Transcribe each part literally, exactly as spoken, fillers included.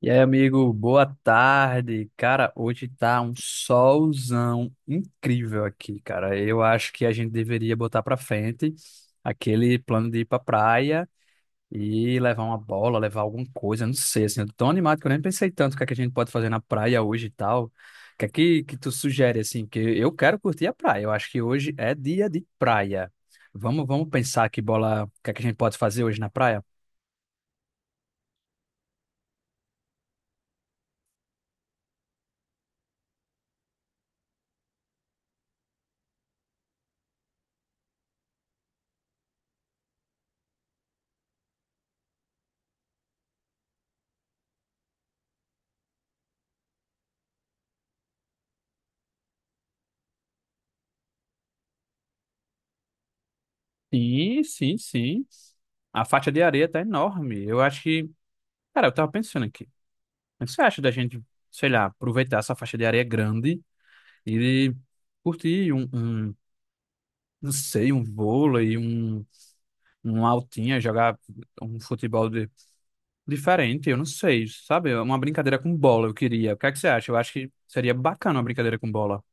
E aí, amigo, boa tarde. Cara, hoje tá um solzão incrível aqui, cara. Eu acho que a gente deveria botar pra frente aquele plano de ir pra praia e levar uma bola, levar alguma coisa, não sei, assim, eu tô tão animado que eu nem pensei tanto o que é que a gente pode fazer na praia hoje e tal. O que é que, que tu sugere, assim, porque eu quero curtir a praia. Eu acho que hoje é dia de praia. Vamos, vamos pensar que bola, o que é que a gente pode fazer hoje na praia? Sim, sim, sim. A faixa de areia tá enorme. Eu acho que. Cara, eu tava pensando aqui. O que você acha da gente, sei lá, aproveitar essa faixa de areia grande e curtir um, um, não sei, um vôlei, um, um altinha, jogar um futebol de- diferente? Eu não sei, sabe? É uma brincadeira com bola eu queria. O que é que você acha? Eu acho que seria bacana uma brincadeira com bola.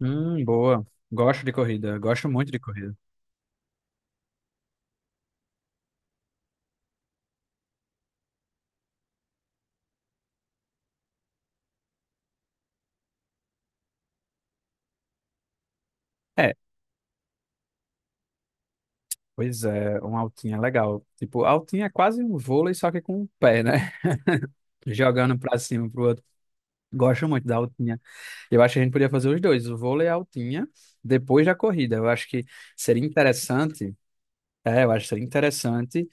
Hum, boa. Gosto de corrida. Gosto muito de corrida. Pois é, uma altinha legal. Tipo, altinha é quase um vôlei, só que com o pé, né? Jogando pra cima, um pro outro. Gosto muito da altinha. Eu acho que a gente podia fazer os dois, o vôlei e a altinha, depois da corrida. Eu acho que seria interessante, é, eu acho que seria interessante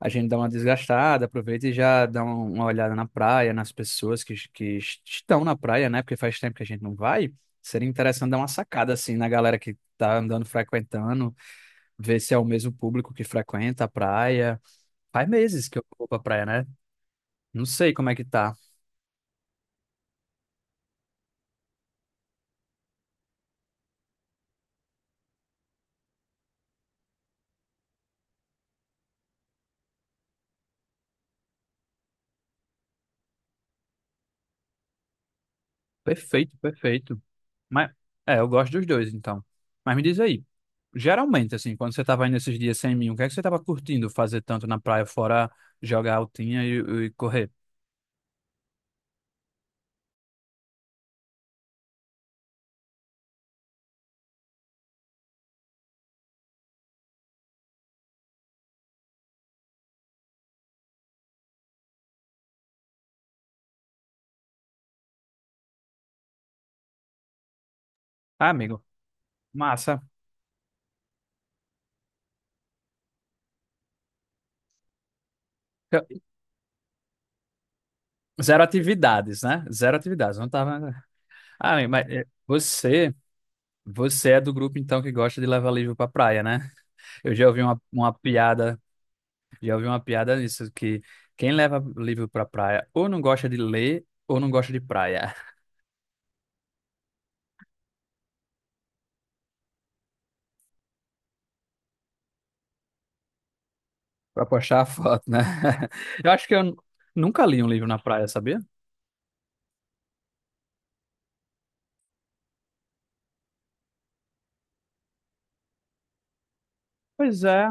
a gente dar uma desgastada, aproveita e já dá um- uma olhada na praia, nas pessoas que, que estão na praia, né? Porque faz tempo que a gente não vai. Seria interessante dar uma sacada, assim, na galera que tá andando, frequentando, ver se é o mesmo público que frequenta a praia. Faz meses que eu vou pra praia, né? Não sei como é que tá. Perfeito, perfeito. Mas, é, eu gosto dos dois, então. Mas me diz aí, geralmente, assim, quando você tava indo esses dias sem mim, o que é que você tava curtindo fazer tanto na praia, fora jogar altinha e, e correr? Ah, amigo, massa. Eu- Zero atividades, né? Zero atividades, não tava... né? Ah, amigo, mas é, você... Você é do grupo, então, que gosta de levar livro pra praia, né? Eu já ouvi uma, uma piada. Já ouvi uma piada nisso, que quem leva livro pra praia ou não gosta de ler ou não gosta de praia. Pra postar a foto, né? Eu acho que eu nu- nunca li um livro na praia, sabia? Pois é.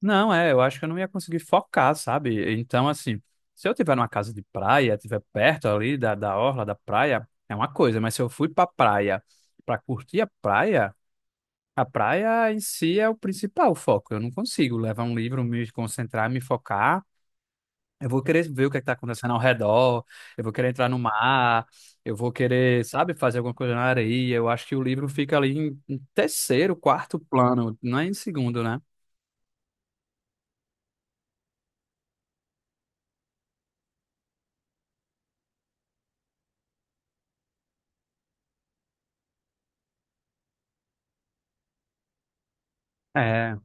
Não, é, eu acho que eu não ia conseguir focar, sabe? Então, assim, se eu tiver numa casa de praia, tiver perto ali da, da orla da praia, é uma coisa, mas se eu fui pra praia pra curtir a praia, a praia em si é o principal foco. Eu não consigo levar um livro, me concentrar, me focar. Eu vou querer ver o que está acontecendo ao redor, eu vou querer entrar no mar, eu vou querer, sabe, fazer alguma coisa na areia. Eu acho que o livro fica ali em, em terceiro, quarto plano, não é em segundo, né? É,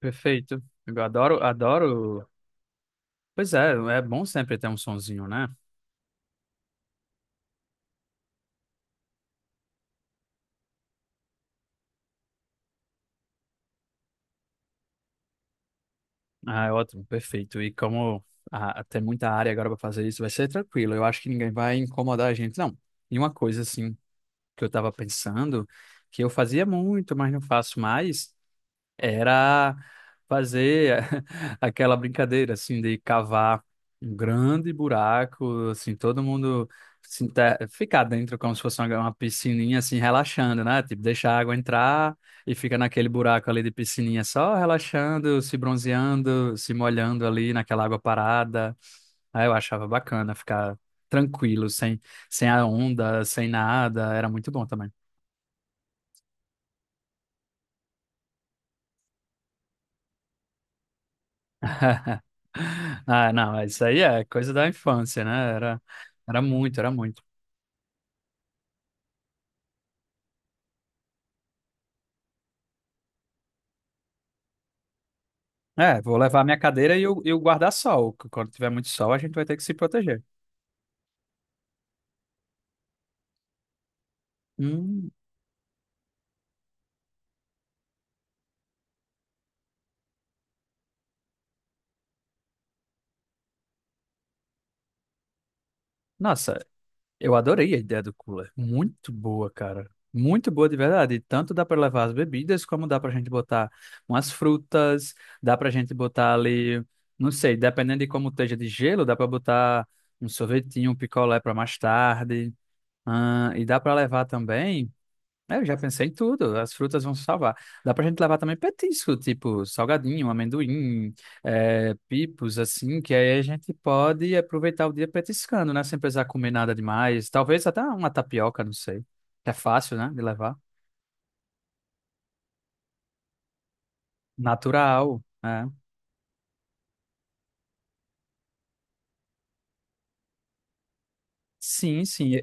perfeito. Eu adoro, adoro. Pois é, é bom sempre ter um sonzinho, né? Ah, é ótimo, perfeito. E como ah, tem muita área agora para fazer isso, vai ser tranquilo. Eu acho que ninguém vai incomodar a gente, não. E uma coisa, assim, que eu estava pensando, que eu fazia muito, mas não faço mais, era fazer aquela brincadeira assim de cavar um grande buraco, assim, todo mundo se inter- ficar dentro como se fosse uma, uma piscininha assim relaxando, né? Tipo, deixar a água entrar e fica naquele buraco ali de piscininha só relaxando, se bronzeando, se molhando ali naquela água parada. Aí eu achava bacana ficar tranquilo, sem sem a onda, sem nada, era muito bom também. Ah, não, isso aí é coisa da infância, né? Era, era muito, era muito. É, vou levar minha cadeira e o, e o guarda-sol. Que Quando tiver muito sol, a gente vai ter que se proteger. Hum, nossa, eu adorei a ideia do cooler. Muito boa, cara. Muito boa de verdade. E Tanto dá para levar as bebidas, como dá pra gente botar umas frutas, dá pra gente botar ali, não sei, dependendo de como esteja de gelo, dá pra botar um sorvetinho, um picolé pra mais tarde. Ah, e dá pra levar também. É, eu já pensei em tudo, as frutas vão salvar. Dá pra gente levar também petisco, tipo salgadinho, amendoim, eh, pipos, assim, que aí a gente pode aproveitar o dia petiscando, né? Sem precisar comer nada demais. Talvez até uma tapioca, não sei. É fácil, né? De levar. Natural, né? Sim, sim.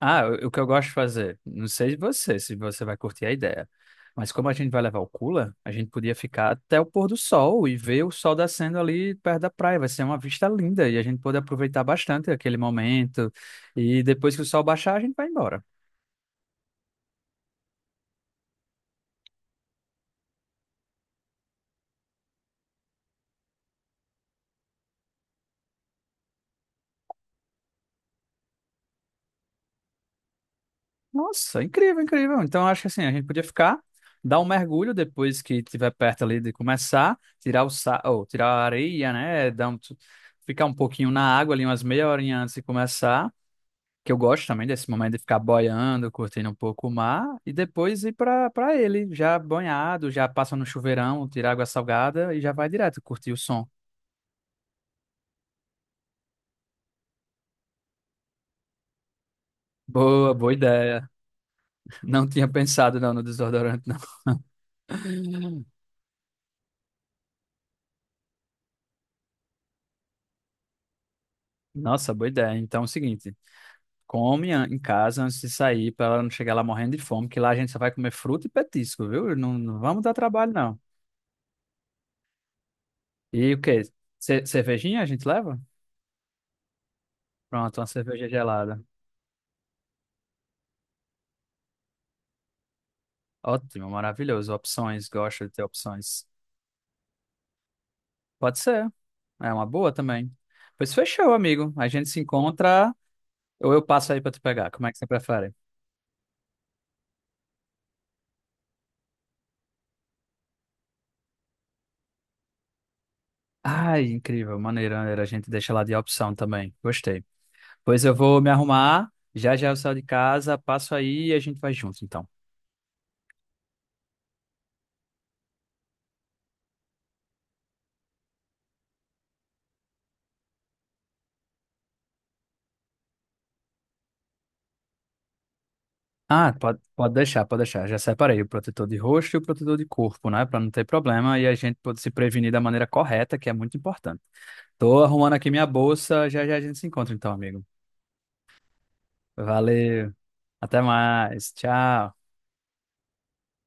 Ah, o o que eu gosto de fazer, não sei você, se você vai curtir a ideia, mas como a gente vai levar o cooler, a gente podia ficar até o pôr do sol e ver o sol descendo ali perto da praia. Vai ser uma vista linda e a gente pode aproveitar bastante aquele momento. E depois que o sol baixar, a gente vai embora. Nossa, incrível, incrível. Então acho que assim, a gente podia ficar, dar um mergulho depois que tiver perto ali de começar, tirar o sa... ou tirar a areia, né? Dar um... Ficar um pouquinho na água ali, umas meia horinha antes de começar, que eu gosto também desse momento de ficar boiando, curtindo um pouco o mar e depois ir para para ele, já banhado, já passa no chuveirão, tira água salgada e já vai direto curtir o som. Boa, boa ideia. Não tinha pensado não no desodorante não. Nossa, boa ideia. Então é o seguinte, come an- em casa antes de sair para ela não chegar lá morrendo de fome, que lá a gente só vai comer fruta e petisco, viu? Não, não vamos dar trabalho não. E o quê? Ce- cervejinha a gente leva? Pronto, uma cerveja gelada. Ótimo, maravilhoso. Opções, gosto de ter opções. Pode ser. É uma boa também. Pois fechou, amigo. A gente se encontra ou eu passo aí pra te pegar. Como é que você prefere? Ai, incrível. Maneira, maneira. A gente deixa lá de opção também. Gostei. Pois eu vou me arrumar. Já já eu saio de casa, passo aí e a gente vai junto, então. Ah, pode, pode deixar, pode deixar. Já separei o protetor de rosto e o protetor de corpo, né? Pra não ter problema e a gente pode se prevenir da maneira correta, que é muito importante. Tô arrumando aqui minha bolsa. Já já a gente se encontra, então, amigo. Valeu. Até mais. Tchau.